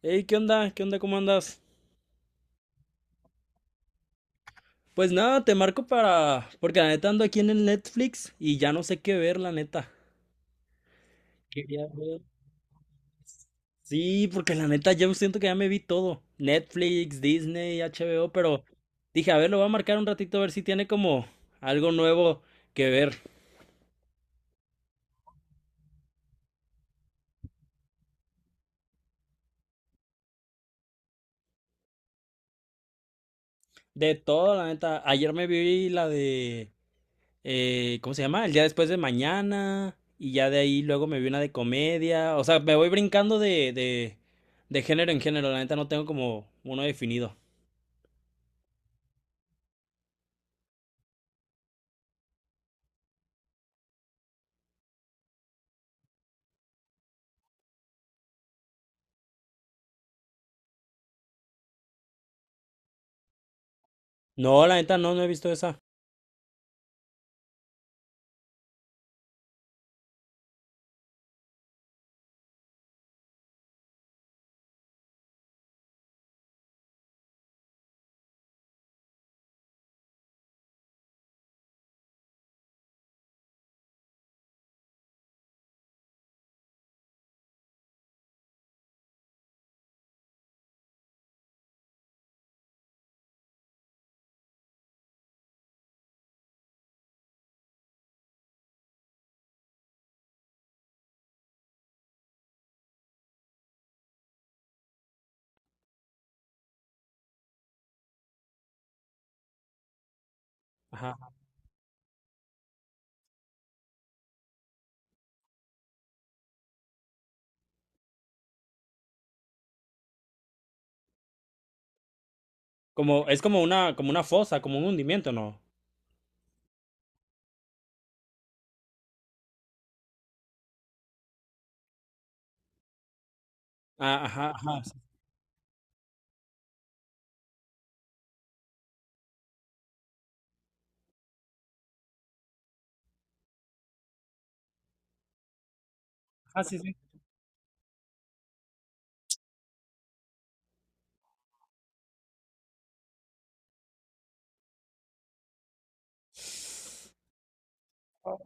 Hey, ¿qué onda? ¿Qué onda? ¿Cómo andas? Pues nada, te marco para... Porque la neta ando aquí en el Netflix y ya no sé qué ver, la neta. Quería ver. Sí, porque la neta yo siento que ya me vi todo. Netflix, Disney, HBO, pero dije, a ver, lo voy a marcar un ratito a ver si tiene como algo nuevo que ver. De todo, la neta. Ayer me vi la de... ¿cómo se llama? El día después de mañana. Y ya de ahí luego me vi una de comedia. O sea, me voy brincando de género en género. La neta no tengo como uno definido. No, la neta no, he visto esa. Ajá. Como, es como una fosa, como un hundimiento, ¿no? Ah, ajá, ajá, sí. Ajá, sí, sí. Oh.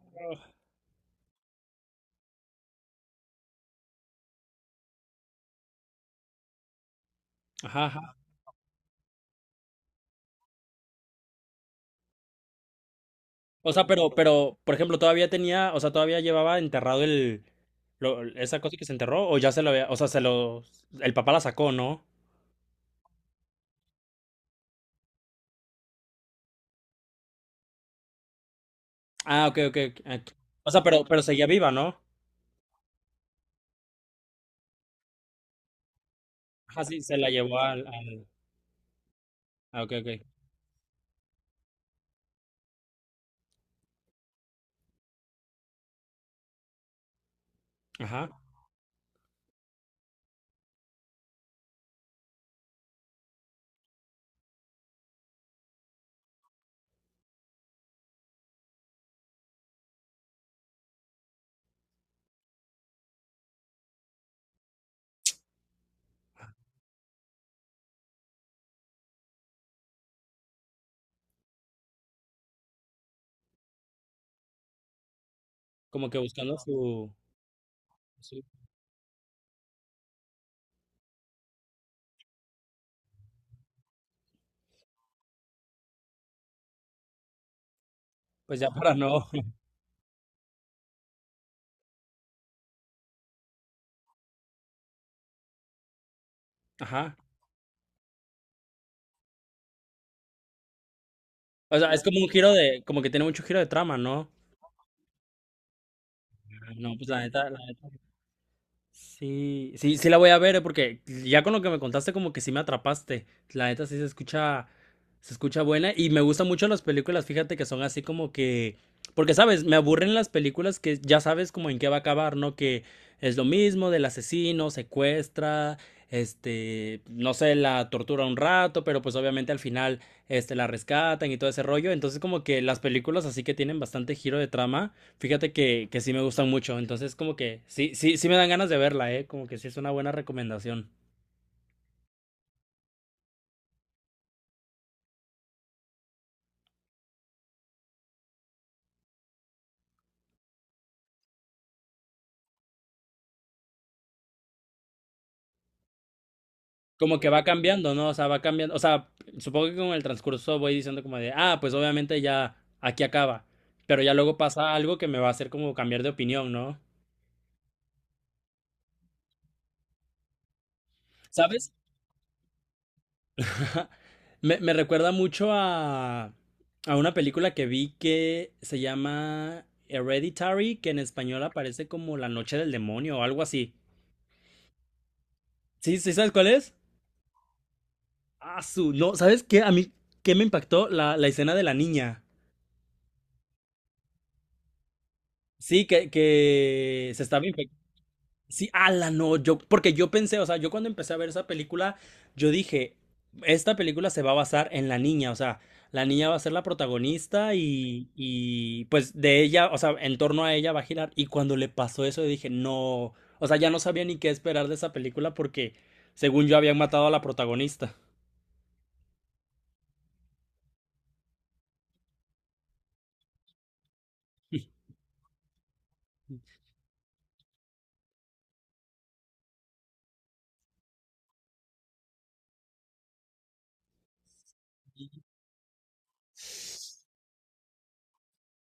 Ajá, ajá. O sea, pero, por ejemplo, todavía tenía, o sea, todavía llevaba enterrado el, lo- esa cosa que se enterró, o ya se lo había, o sea, se lo, el papá la sacó, ¿no? Ah, ok, ok, ok. Ah, o sea, pero seguía viva, ¿no? Ajá, sí, se la llevó al, al... Ah, ok, ok. Ajá. Como que buscando su... su- Pues ya para no... Ajá. O sea, es como un giro de... Como que tiene mucho giro de trama, ¿no? Ah, no, pues la neta, la neta. Sí, sí, sí la voy a ver, porque ya con lo que me contaste como que sí me atrapaste. La neta sí se escucha buena y me gustan mucho las películas, fíjate que son así como que, porque sabes, me aburren las películas que ya sabes como en qué va a acabar, ¿no? Que es lo mismo del asesino, secuestra, este, no sé, la tortura un rato, pero pues obviamente al final, este, la rescatan y todo ese rollo. Entonces como que las películas así que tienen bastante giro de trama. Fíjate que sí me gustan mucho, entonces como que sí, sí, sí me dan ganas de verla, ¿eh? Como que sí es una buena recomendación. Como que va cambiando, ¿no? O sea, va cambiando, o sea, supongo que con el transcurso voy diciendo como de, ah, pues obviamente ya aquí acaba, pero ya luego pasa algo que me va a hacer como cambiar de opinión, ¿no? ¿Sabes? Me recuerda mucho a una película que vi que se llama Hereditary, que en español aparece como La Noche del Demonio o algo así. ¿Sí, sí sabes cuál es? Ah, su, no, ¿sabes qué? A mí, ¿qué me impactó? La escena de la niña. Sí, que se estaba infectando. Sí, ala, no, yo, porque yo pensé, o sea, yo cuando empecé a ver esa película, yo dije, esta película se va a basar en la niña, o sea, la niña va a ser la protagonista y pues de ella, o sea, en torno a ella va a girar. Y cuando le pasó eso, yo dije, no, o sea, ya no sabía ni qué esperar de esa película porque, según yo, habían matado a la protagonista.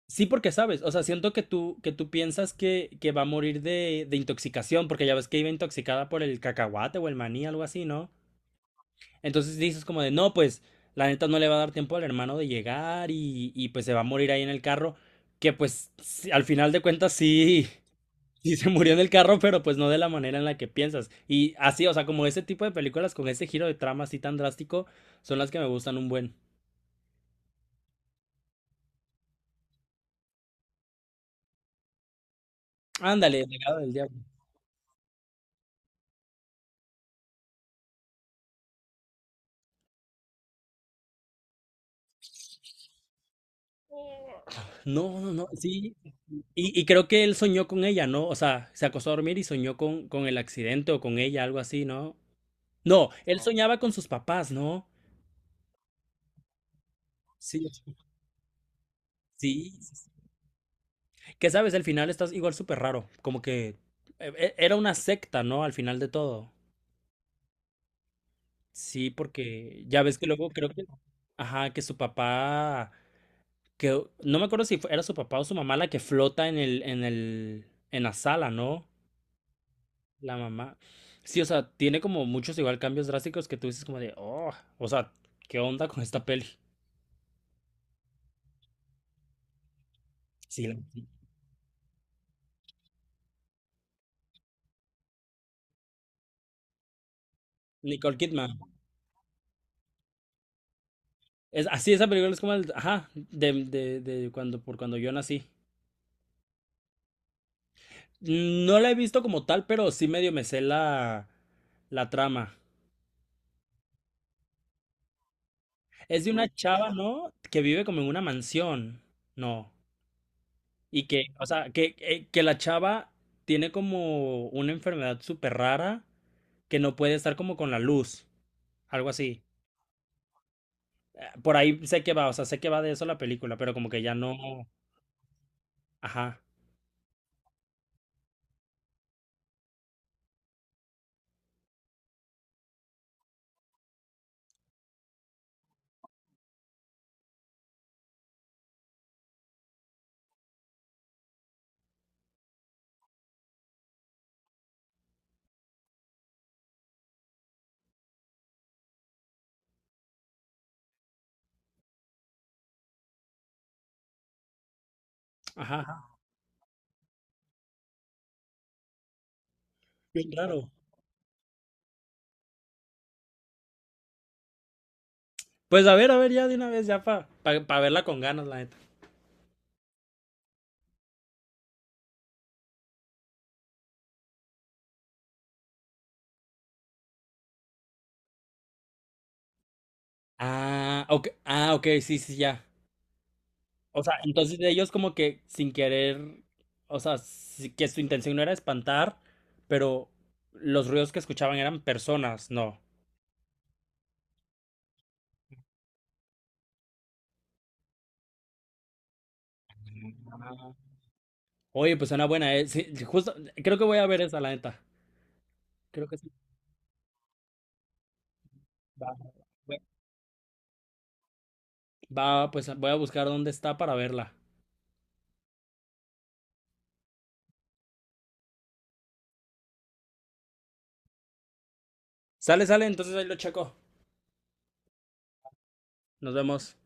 Sí, porque sabes, o sea, siento que tú piensas que va a morir de intoxicación, porque ya ves que iba intoxicada por el cacahuate o el maní, algo así, ¿no? Entonces dices como de, no, pues la neta no le va a dar tiempo al hermano de llegar y pues se va a morir ahí en el carro, que pues sí, al final de cuentas sí, sí se murió en el carro, pero pues no de la manera en la que piensas. Y así, o sea, como ese tipo de películas con ese giro de trama así tan drástico son las que me gustan un buen. Ándale, El legado del diablo. No, no, no, sí, y creo que él soñó con ella, ¿no? O sea, se acostó a dormir y soñó con el accidente o con ella, algo así, ¿no? No, él no, soñaba con sus papás, ¿no? Sí, sí, sí, sí. Que sabes, al final estás igual súper raro, como que era una secta, ¿no? Al final de todo. Sí, porque ya ves que luego creo que, ajá, que su papá, que no me acuerdo si fue- era su papá o su mamá la que flota en el, en el, en la sala, ¿no? La mamá. Sí, o sea, tiene como muchos igual cambios drásticos que tú dices como de, oh, o sea, ¿qué onda con esta peli? Sí, la- Nicole Kidman. Es, así esa película es como el, ajá, de cuando, por cuando yo nací. No la he visto como tal, pero sí medio me sé la, la trama. Es de una chava, ¿no? Que vive como en una mansión, ¿no? Y que, o sea, que, que la chava tiene como una enfermedad súper rara que no puede estar como con la luz, algo así. Por ahí sé que va, o sea, sé que va de eso la película, pero como que ya no. Ajá, ajá, ajá, bien raro. Pues a ver, ya de una vez, ya para pa verla con ganas, la neta. Ah, ok, ah, ok, sí, sí, ya. O sea, entonces ellos como que sin querer, o sea, sí que su intención no era espantar, pero los ruidos que escuchaban eran personas, no. Ah. Oye, pues suena buena, eh. Sí, justo, creo que voy a ver esa, la neta. Creo que sí. Va, va, pues voy a buscar dónde está para verla. Sale, sale, entonces ahí lo checo. Nos vemos.